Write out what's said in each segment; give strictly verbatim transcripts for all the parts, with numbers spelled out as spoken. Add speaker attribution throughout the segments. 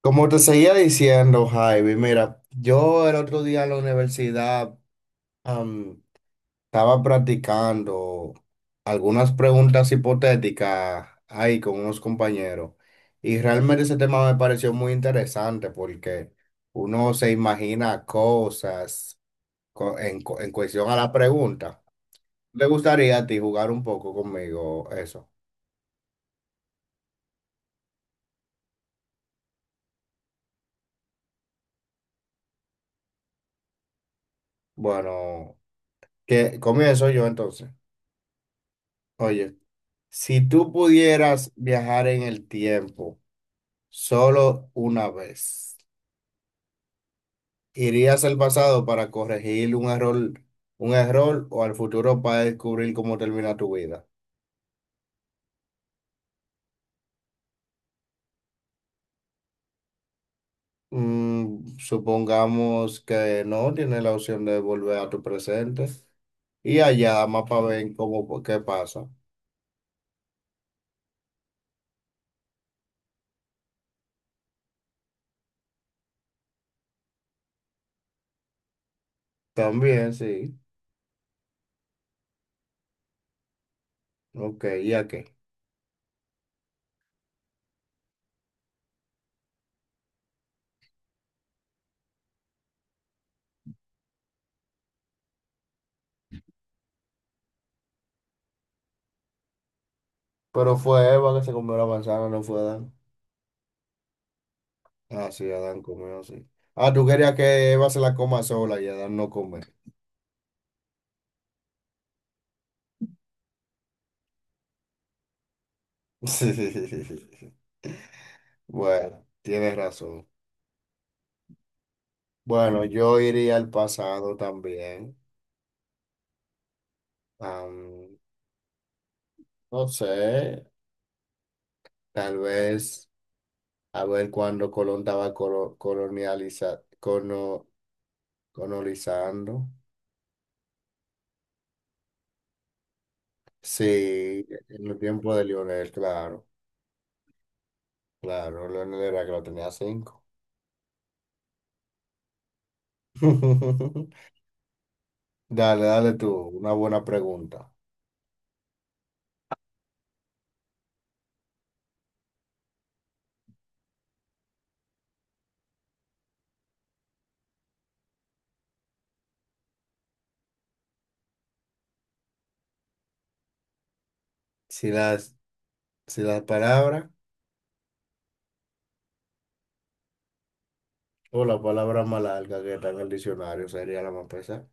Speaker 1: Como te seguía diciendo, Jaime, mira, yo el otro día en la universidad am, estaba practicando algunas preguntas hipotéticas ahí con unos compañeros y realmente ese tema me pareció muy interesante porque uno se imagina cosas co- en, cu- en cuestión a la pregunta. ¿Te gustaría a ti jugar un poco conmigo eso? Bueno, que comienzo yo entonces. Oye. Si tú pudieras viajar en el tiempo solo una vez, ¿irías al pasado para corregir un error, un error o al futuro para descubrir cómo termina tu vida? Mm, supongamos que no, tienes la opción de volver a tu presente y allá más para ver cómo, qué pasa. También, sí. Ok, ¿y a qué? Pero fue Eva que se comió la manzana, no fue Adán. Ah, sí, Adán comió, sí. Ah, tú querías que Eva se la coma sola y Adán no come. Sí. Bueno, tienes razón. Bueno, yo iría al pasado también. Am, no sé, tal vez a ver cuando Colón estaba colo- colonializa- cono- colonizando. Sí, en el tiempo de Lionel, claro. Claro, Lionel era que lo tenía cinco. Dale, dale tú, una buena pregunta. Si las, si la palabra o la palabra más larga que está en el diccionario sería la más pesada.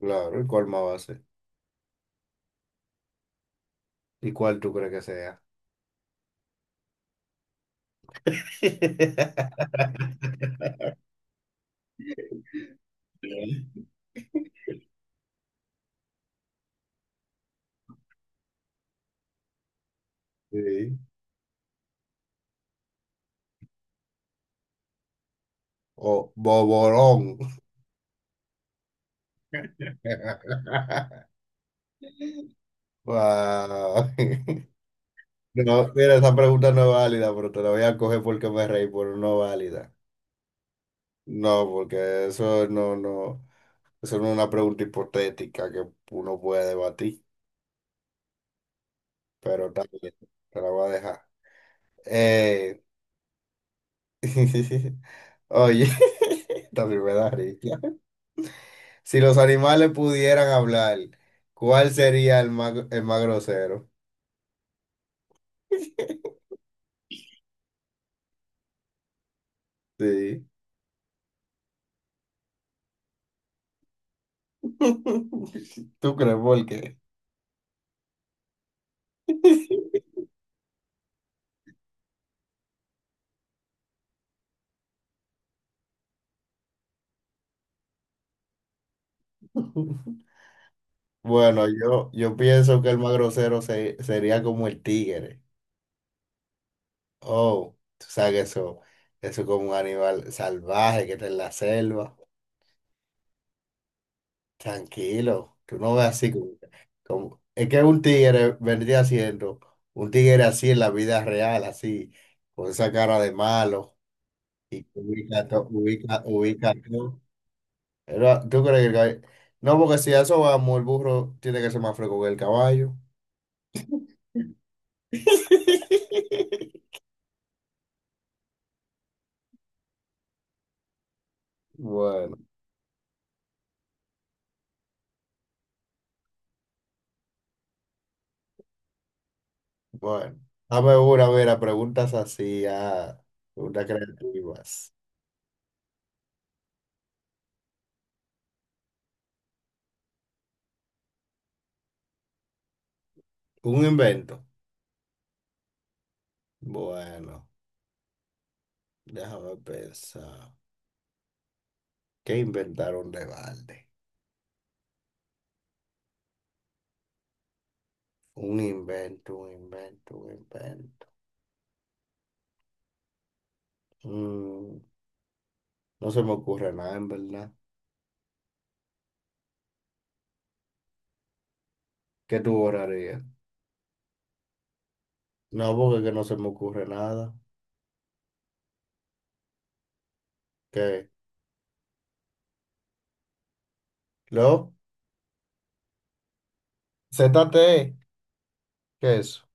Speaker 1: Claro, ¿y cuál más va a ser? ¿Y cuál tú crees que sea? Sí. O boborón. Wow. No, mira, esa pregunta no es válida, pero te la voy a coger porque me reí, pero no es válida. No, porque eso no, no. Esa es una pregunta hipotética que uno puede debatir, pero también te la voy a dejar. Eh, oye, también me da risa. Si los animales pudieran hablar, ¿cuál sería el más, el más grosero? Sí. ¿Tú crees por qué? Bueno, yo, yo pienso que el más grosero se- sería como el tigre. Oh, tú sabes que eso, eso es como un animal salvaje que está en la selva. Tranquilo, tú no ves así como, como- es que un tigre vendría siendo un tigre así en la vida real, así, con esa cara de malo, y que ubica todo, ubica, ubica todo. Pero, ¿tú crees que el caballo? No, porque si a eso vamos, el burro tiene que ser más fresco que el caballo. Bueno, bueno. Dame una, mira, preguntas así, ah, preguntas creativas. Un invento. Bueno, déjame pensar. ¿Qué inventaron de balde? Un invento, un invento, un invento. Mm, no se me ocurre nada, en verdad. ¿Qué tú borrarías? No, porque que no se me ocurre nada. ¿Qué? ¿Lo? Z ZTE. ¿Qué es eso?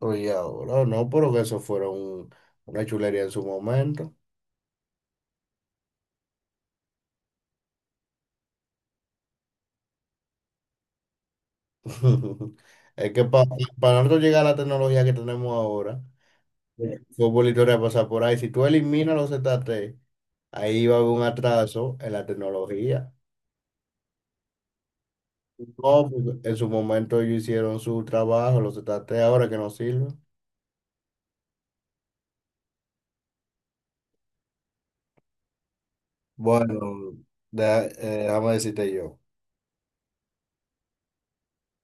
Speaker 1: Oye, ahora no, pero que eso fuera un- una chulería en su momento. Es que pa- para nosotros llegar a la tecnología que tenemos ahora, fue por historia pasa por ahí. Si tú eliminas los Z ZTE, ahí va a haber un atraso en la tecnología. No, pues, en su momento ellos hicieron su trabajo, los trataste ahora que no sirven. Bueno, deja- eh, déjame decirte yo.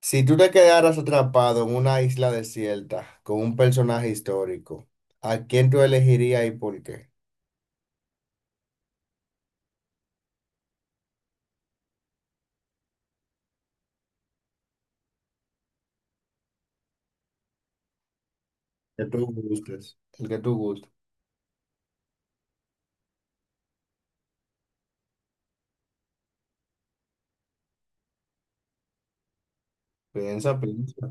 Speaker 1: Si tú te quedaras atrapado en una isla desierta con un personaje histórico, ¿a quién tú elegirías y por qué? Que tú gustes. El que tú gustes. Piensa, piensa.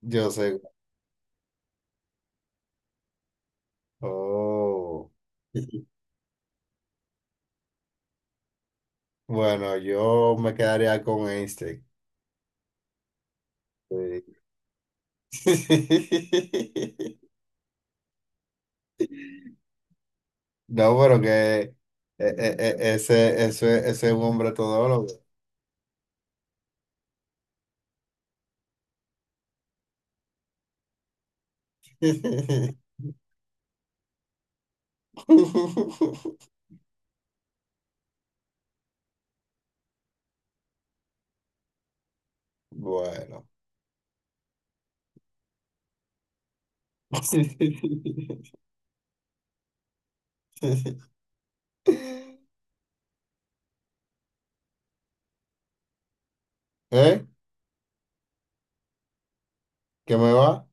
Speaker 1: Yo sé. Oh. Bueno, yo me quedaría con Einstein. Sí. No, pero que eh, eh, eh, ese, ese, ese es un hombre todólogo. Bueno. ¿Eh? ¿Qué me va?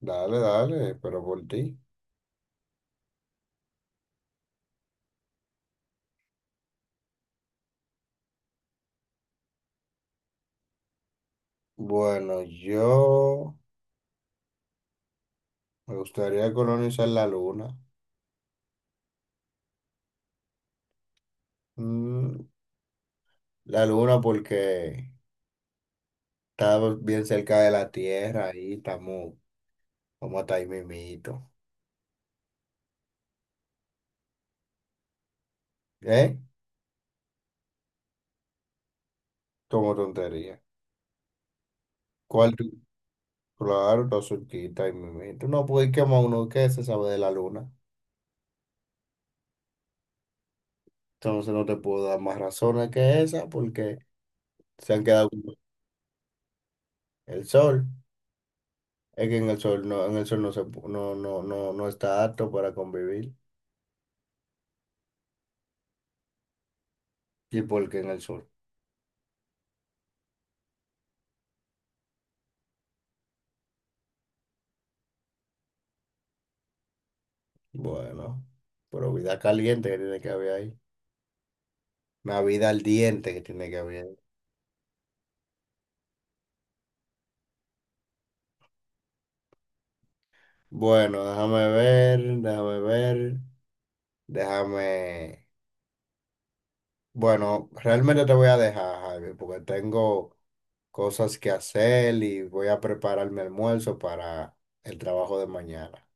Speaker 1: Dale, dale, pero por ti. Bueno, yo me gustaría colonizar la luna. Mm, la luna porque estamos bien cerca de la Tierra y estamos como hasta ahí mismito. ¿Eh? Como tontería. ¿Cuál tú? Claro, está cerquita y me tú no puedes quemar uno que se sabe de la luna. Entonces no te puedo dar más razones que esa porque se han quedado con el sol. Es que en el sol no, en el sol no se pu- no, no, no, no está apto para convivir. ¿Y por qué en el sol? Bueno, pero vida caliente que tiene que haber ahí. Una vida al diente que tiene que haber ahí. Bueno, déjame ver, déjame ver, déjame. Bueno, realmente te voy a dejar, Javi, porque tengo cosas que hacer y voy a preparar mi almuerzo para el trabajo de mañana.